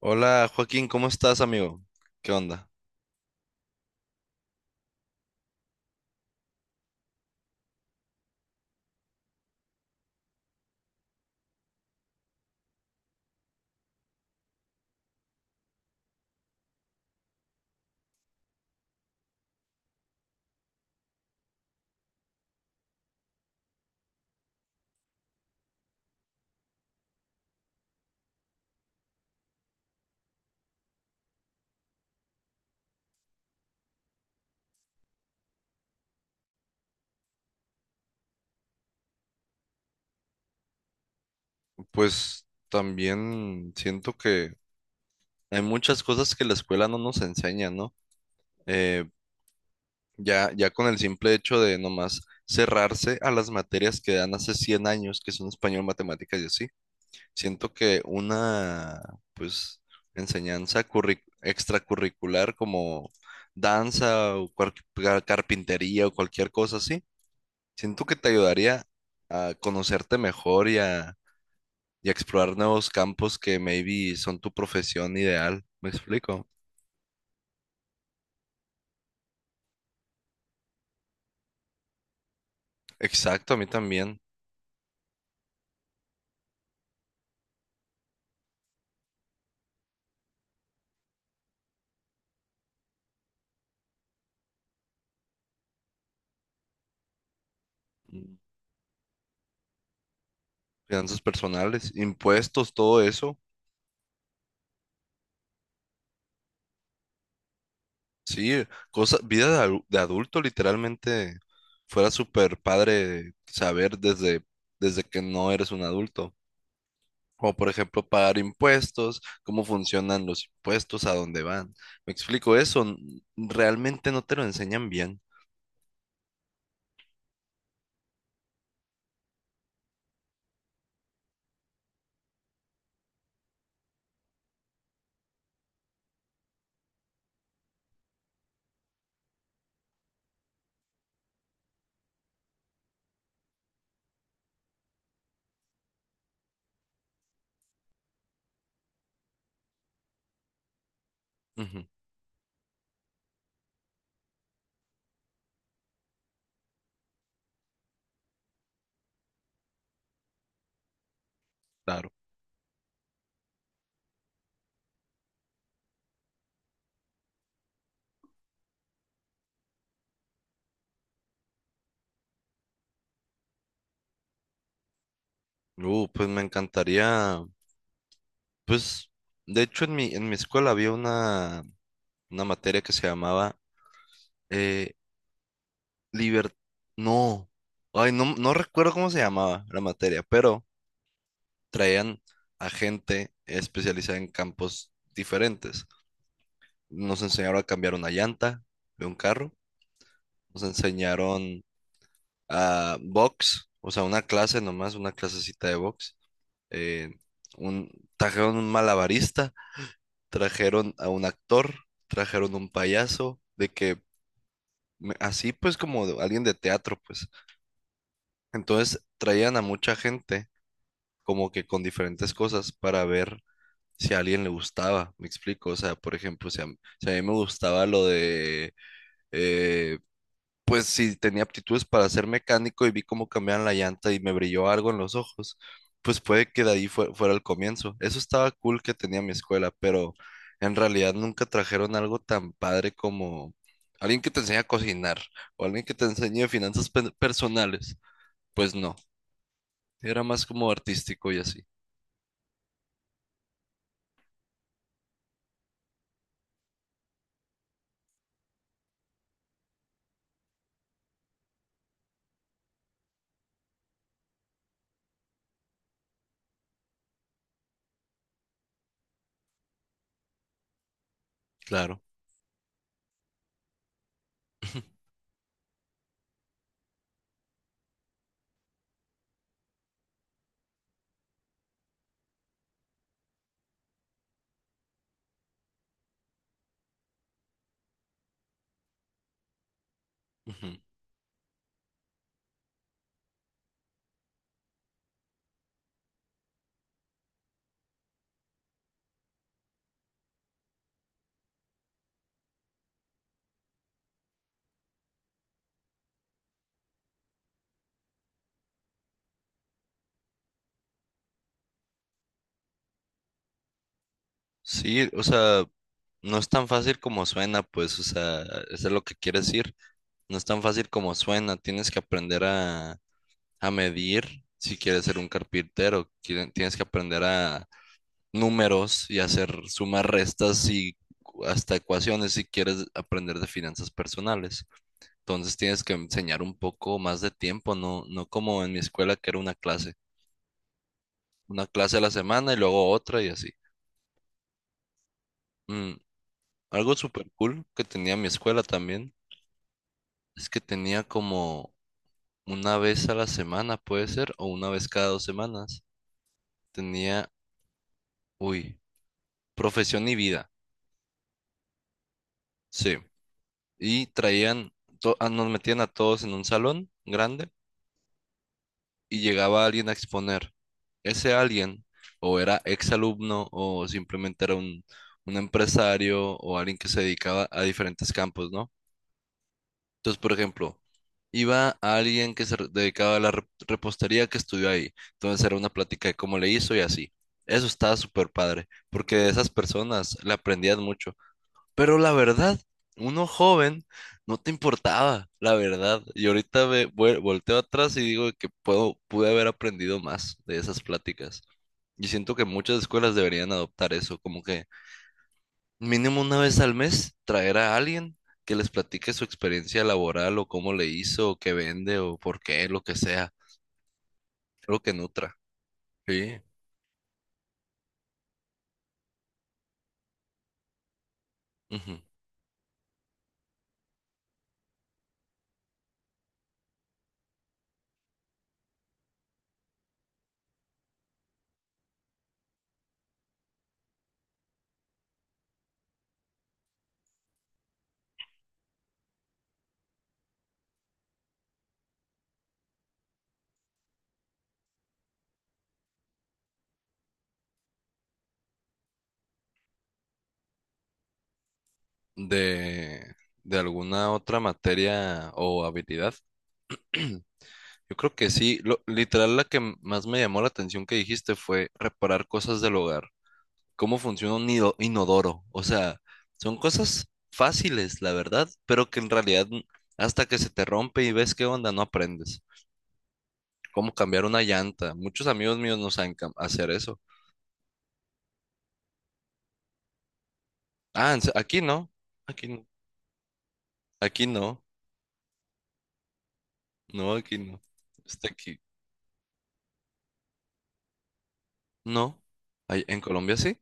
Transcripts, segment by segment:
Hola, Joaquín, ¿cómo estás, amigo? ¿Qué onda? Pues también siento que hay muchas cosas que la escuela no nos enseña, ¿no? Eh, ya con el simple hecho de nomás cerrarse a las materias que dan hace 100 años, que son español, matemáticas y así, siento que una, pues, extracurricular como danza o carpintería o cualquier cosa así, siento que te ayudaría a conocerte mejor y explorar nuevos campos que maybe son tu profesión ideal. ¿Me explico? Exacto, a mí también. Mm. Finanzas personales, impuestos, todo eso. Sí, cosa, vida de adulto literalmente fuera súper padre saber desde, desde que no eres un adulto. O por ejemplo pagar impuestos, cómo funcionan los impuestos, a dónde van. Me explico eso. Realmente no te lo enseñan bien. Ujú, claro. Pues me encantaría. Pues, de hecho, en mi escuela había una materia que se llamaba eh, liber- No, ay, no, no recuerdo cómo se llamaba la materia, pero traían a gente especializada en campos diferentes. Nos enseñaron a cambiar una llanta de un carro, nos enseñaron a box, o sea, una clase nomás, una clasecita de box. eh, un, Trajeron un malabarista, trajeron a un actor, trajeron un payaso, de que así pues como alguien de teatro, pues. Entonces traían a mucha gente como que con diferentes cosas para ver si a alguien le gustaba, me explico. O sea, por ejemplo, si a mí me gustaba lo de eh, pues si tenía aptitudes para ser mecánico y vi cómo cambiaban la llanta y me brilló algo en los ojos, pues puede que de ahí fuera el comienzo. Eso estaba cool que tenía mi escuela, pero en realidad nunca trajeron algo tan padre como alguien que te enseñe a cocinar o alguien que te enseñe finanzas personales. Pues no, era más como artístico y así, claro. Ujú. Sí, o sea, no es tan fácil como suena, pues, o sea, eso es lo que quieres decir. No es tan fácil como suena, tienes que aprender a medir si quieres ser un carpintero. Tienes que aprender a números y hacer sumas, restas y hasta ecuaciones si quieres aprender de finanzas personales. Entonces tienes que enseñar un poco más de tiempo, no como en mi escuela que era una clase a la semana y luego otra y así. Mm. Algo súper cool que tenía mi escuela también es que tenía como una vez a la semana, puede ser, o una vez cada 2 semanas. Tenía, uy, profesión y vida. Sí. Y traían, ah, nos metían a todos en un salón grande y llegaba alguien a exponer. Ese alguien o era exalumno o simplemente era un empresario o alguien que se dedicaba a diferentes campos, ¿no? Entonces, por ejemplo, iba alguien que se dedicaba a la repostería que estudió ahí. Entonces era una plática de cómo le hizo y así. Eso estaba súper padre, porque de esas personas le aprendías mucho. Pero la verdad, uno joven no te importaba, la verdad. Y ahorita me volteo atrás y digo que pude haber aprendido más de esas pláticas. Y siento que muchas escuelas deberían adoptar eso, como que mínimo una vez al mes traer a alguien que les platique su experiencia laboral o cómo le hizo, o qué vende, o por qué, lo que sea, algo que nutra. Sí. Ujú. De, de alguna otra materia o habilidad. Yo creo que sí, literal la que más me llamó la atención que dijiste fue reparar cosas del hogar, cómo funciona un inodoro, o sea, son cosas fáciles, la verdad, pero que en realidad hasta que se te rompe y ves qué onda, no aprendes. Cómo cambiar una llanta, muchos amigos míos no saben hacer eso. Ah, aquí no, aquí no, aquí no, no, aquí no, está aquí, no. En Colombia sí.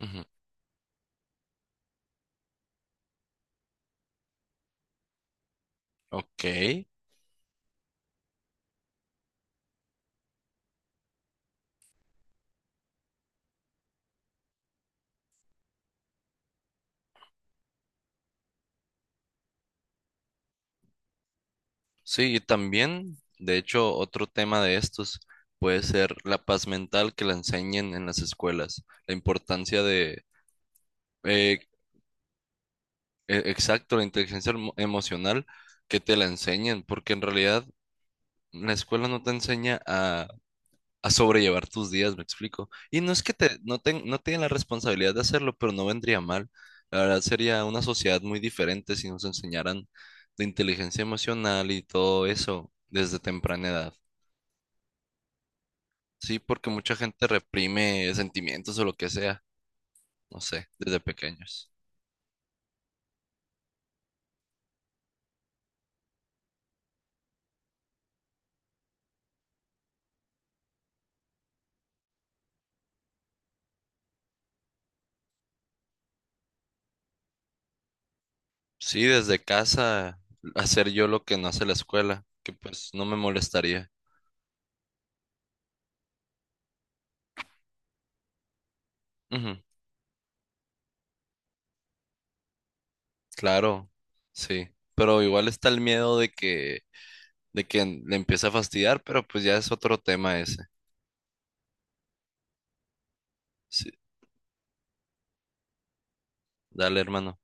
Ujú. Ok. Sí, y también, de hecho, otro tema de estos puede ser la paz mental, que la enseñen en las escuelas, la importancia de, eh, exacto, la inteligencia emocional, que te la enseñen, porque en realidad la escuela no te enseña a sobrellevar tus días, me explico. Y no es que te, no, ten- no tienen la responsabilidad de hacerlo, pero no vendría mal. La verdad sería una sociedad muy diferente si nos enseñaran de inteligencia emocional y todo eso desde temprana edad. Sí, porque mucha gente reprime sentimientos o lo que sea, no sé, desde pequeños. Sí, desde casa, hacer yo lo que no hace la escuela, que pues no me molestaría. Ujú, claro, sí. Pero igual está el miedo de que le empiece a fastidiar, pero pues ya es otro tema ese. Sí, dale, hermano.